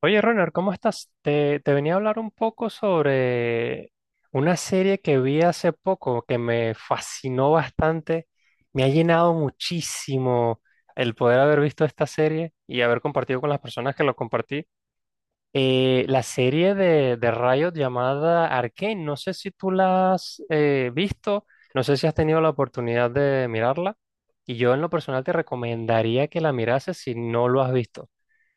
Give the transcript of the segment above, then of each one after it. Oye, Ronald, ¿cómo estás? Te venía a hablar un poco sobre una serie que vi hace poco que me fascinó bastante. Me ha llenado muchísimo el poder haber visto esta serie y haber compartido con las personas que lo compartí. La serie de Riot llamada Arcane, no sé si tú la has visto, no sé si has tenido la oportunidad de mirarla, y yo en lo personal te recomendaría que la mirases si no lo has visto.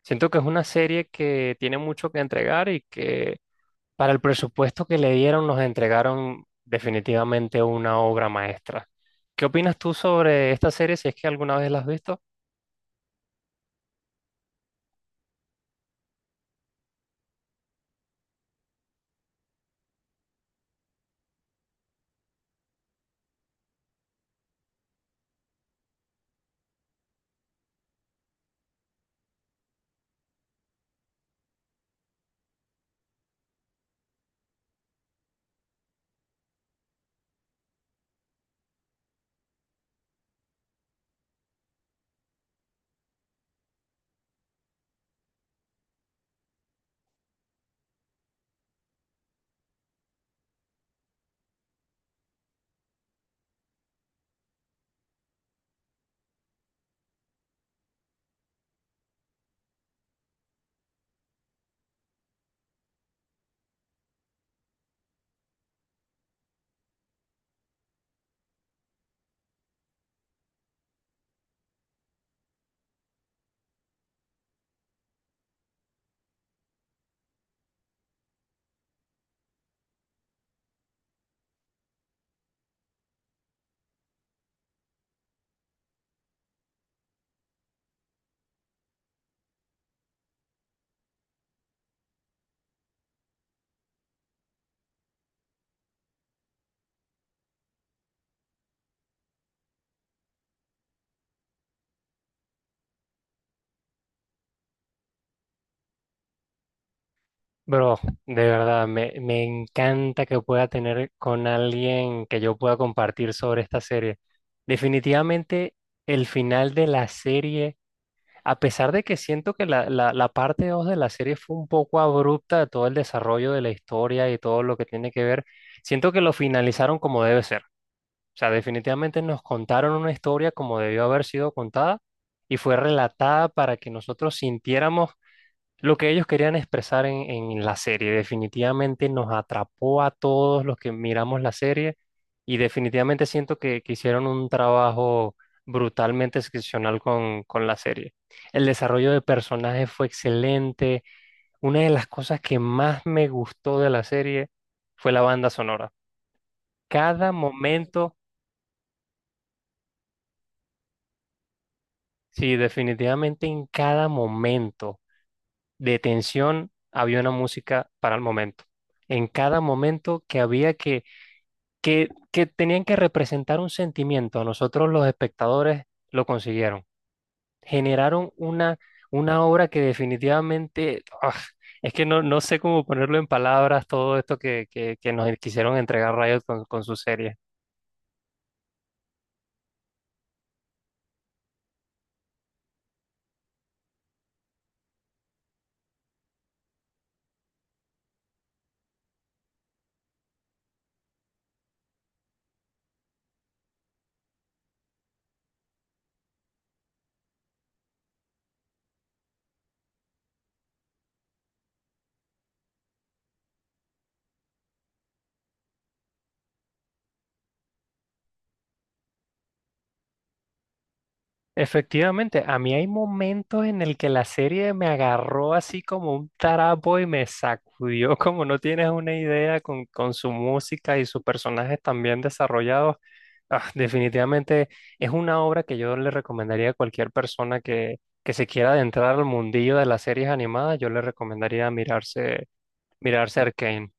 Siento que es una serie que tiene mucho que entregar y que para el presupuesto que le dieron nos entregaron definitivamente una obra maestra. ¿Qué opinas tú sobre esta serie si es que alguna vez la has visto? Bro, de verdad, me encanta que pueda tener con alguien que yo pueda compartir sobre esta serie. Definitivamente el final de la serie, a pesar de que siento que la parte 2 de la serie fue un poco abrupta de todo el desarrollo de la historia y todo lo que tiene que ver, siento que lo finalizaron como debe ser. O sea, definitivamente nos contaron una historia como debió haber sido contada y fue relatada para que nosotros sintiéramos lo que ellos querían expresar en la serie definitivamente nos atrapó a todos los que miramos la serie y definitivamente siento que hicieron un trabajo brutalmente excepcional con la serie. El desarrollo de personajes fue excelente. Una de las cosas que más me gustó de la serie fue la banda sonora. Cada momento, sí, definitivamente en cada momento de tensión había una música para el momento. En cada momento que había que que tenían que representar un sentimiento. Nosotros los espectadores lo consiguieron. Generaron una obra que definitivamente, es que no, no sé cómo ponerlo en palabras todo esto que nos quisieron entregar Riot con su serie. Efectivamente, a mí hay momentos en el que la serie me agarró así como un tarapo y me sacudió como no tienes una idea con su música y sus personajes tan bien desarrollados. Definitivamente es una obra que yo le recomendaría a cualquier persona que se quiera adentrar al mundillo de las series animadas, yo le recomendaría mirarse Arcane.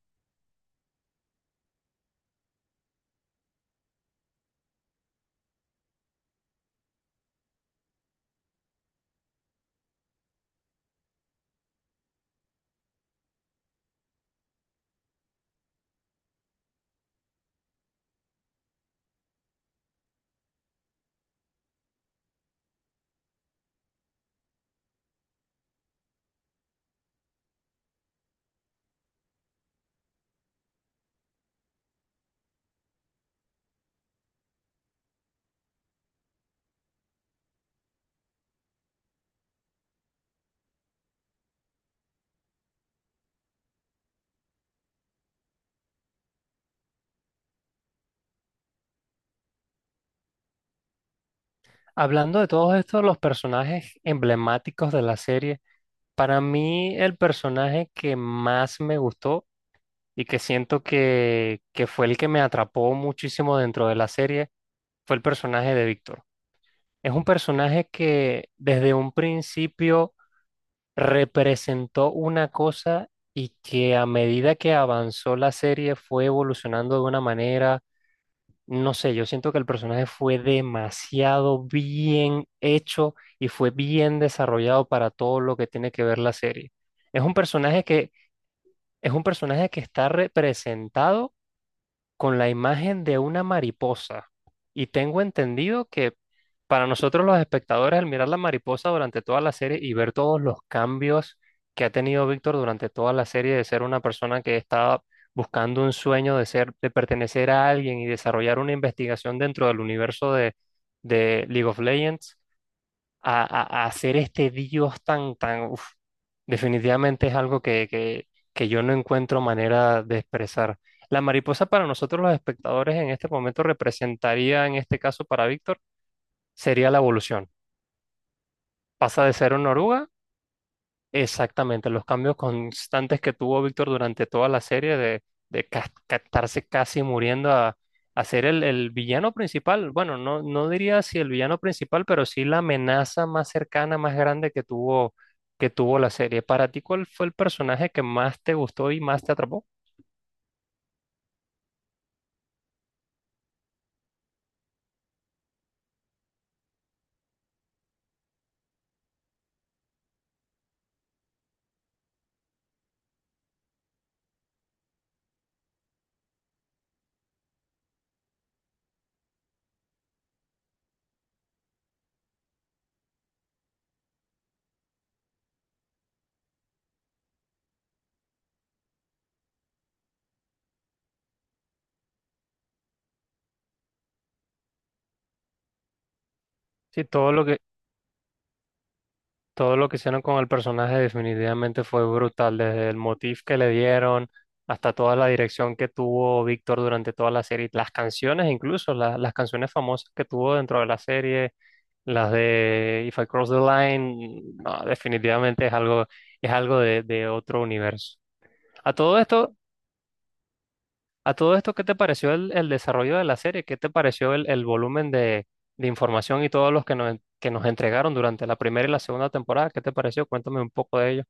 Hablando de todos estos, los personajes emblemáticos de la serie, para mí el personaje que más me gustó y que siento que fue el que me atrapó muchísimo dentro de la serie, fue el personaje de Víctor. Es un personaje que desde un principio representó una cosa y que a medida que avanzó la serie fue evolucionando de una manera, no sé, yo siento que el personaje fue demasiado bien hecho y fue bien desarrollado para todo lo que tiene que ver la serie. Es un personaje que, es un personaje que está representado con la imagen de una mariposa. Y tengo entendido que para nosotros los espectadores, al mirar la mariposa durante toda la serie y ver todos los cambios que ha tenido Víctor durante toda la serie de ser una persona que estaba buscando un sueño de ser, de pertenecer a alguien y desarrollar una investigación dentro del universo de League of Legends, a, a hacer este Dios tan, uf, definitivamente es algo que yo no encuentro manera de expresar. La mariposa para nosotros los espectadores en este momento representaría, en este caso para Víctor, sería la evolución. Pasa de ser una oruga. Exactamente, los cambios constantes que tuvo Víctor durante toda la serie de estarse casi muriendo a ser el villano principal. Bueno, no, no diría si el villano principal, pero sí la amenaza más cercana, más grande que tuvo la serie. ¿Para ti cuál fue el personaje que más te gustó y más te atrapó? Sí, todo lo que, Todo lo que hicieron con el personaje definitivamente fue brutal, desde el motif que le dieron hasta toda la dirección que tuvo Víctor durante toda la serie, las canciones incluso, las canciones famosas que tuvo dentro de la serie, las de If I Cross the Line, no, definitivamente es algo de otro universo. A todo esto, a todo esto, ¿qué te pareció el desarrollo de la serie? ¿Qué te pareció el volumen de información y todos los que nos entregaron durante la primera y la segunda temporada? ¿Qué te pareció? Cuéntame un poco de ello.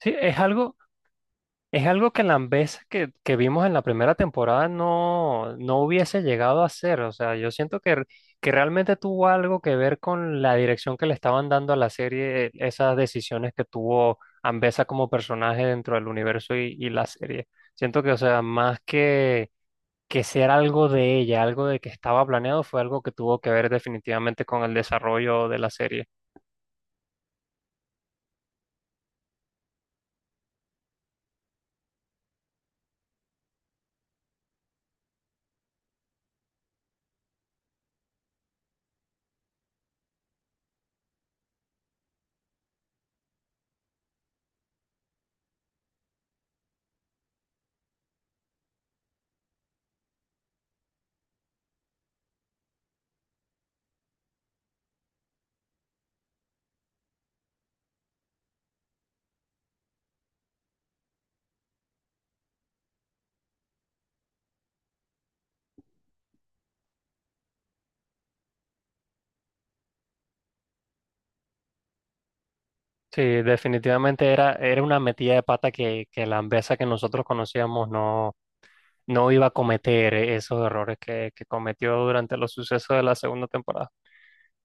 Sí, es algo, es algo que Lambesa que vimos en la primera temporada no, no hubiese llegado a hacer. O sea, yo siento que realmente tuvo algo que ver con la dirección que le estaban dando a la serie, esas decisiones que tuvo Ambesa como personaje dentro del universo y la serie. Siento que, o sea, más que ser algo de ella, algo de que estaba planeado, fue algo que tuvo que ver definitivamente con el desarrollo de la serie. Sí, definitivamente era una metida de pata que la Ambesa que nosotros conocíamos no, no iba a cometer esos errores que cometió durante los sucesos de la segunda temporada.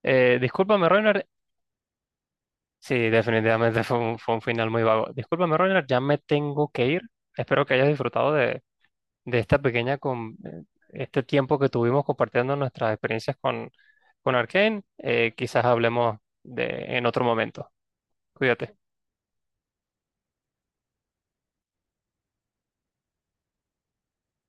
Discúlpame, Reiner. Sí, definitivamente fue un final muy vago. Discúlpame, Reiner, ya me tengo que ir. Espero que hayas disfrutado de esta pequeña, con, este tiempo que tuvimos compartiendo nuestras experiencias con Arcane. Quizás hablemos de, en otro momento. Cuídate.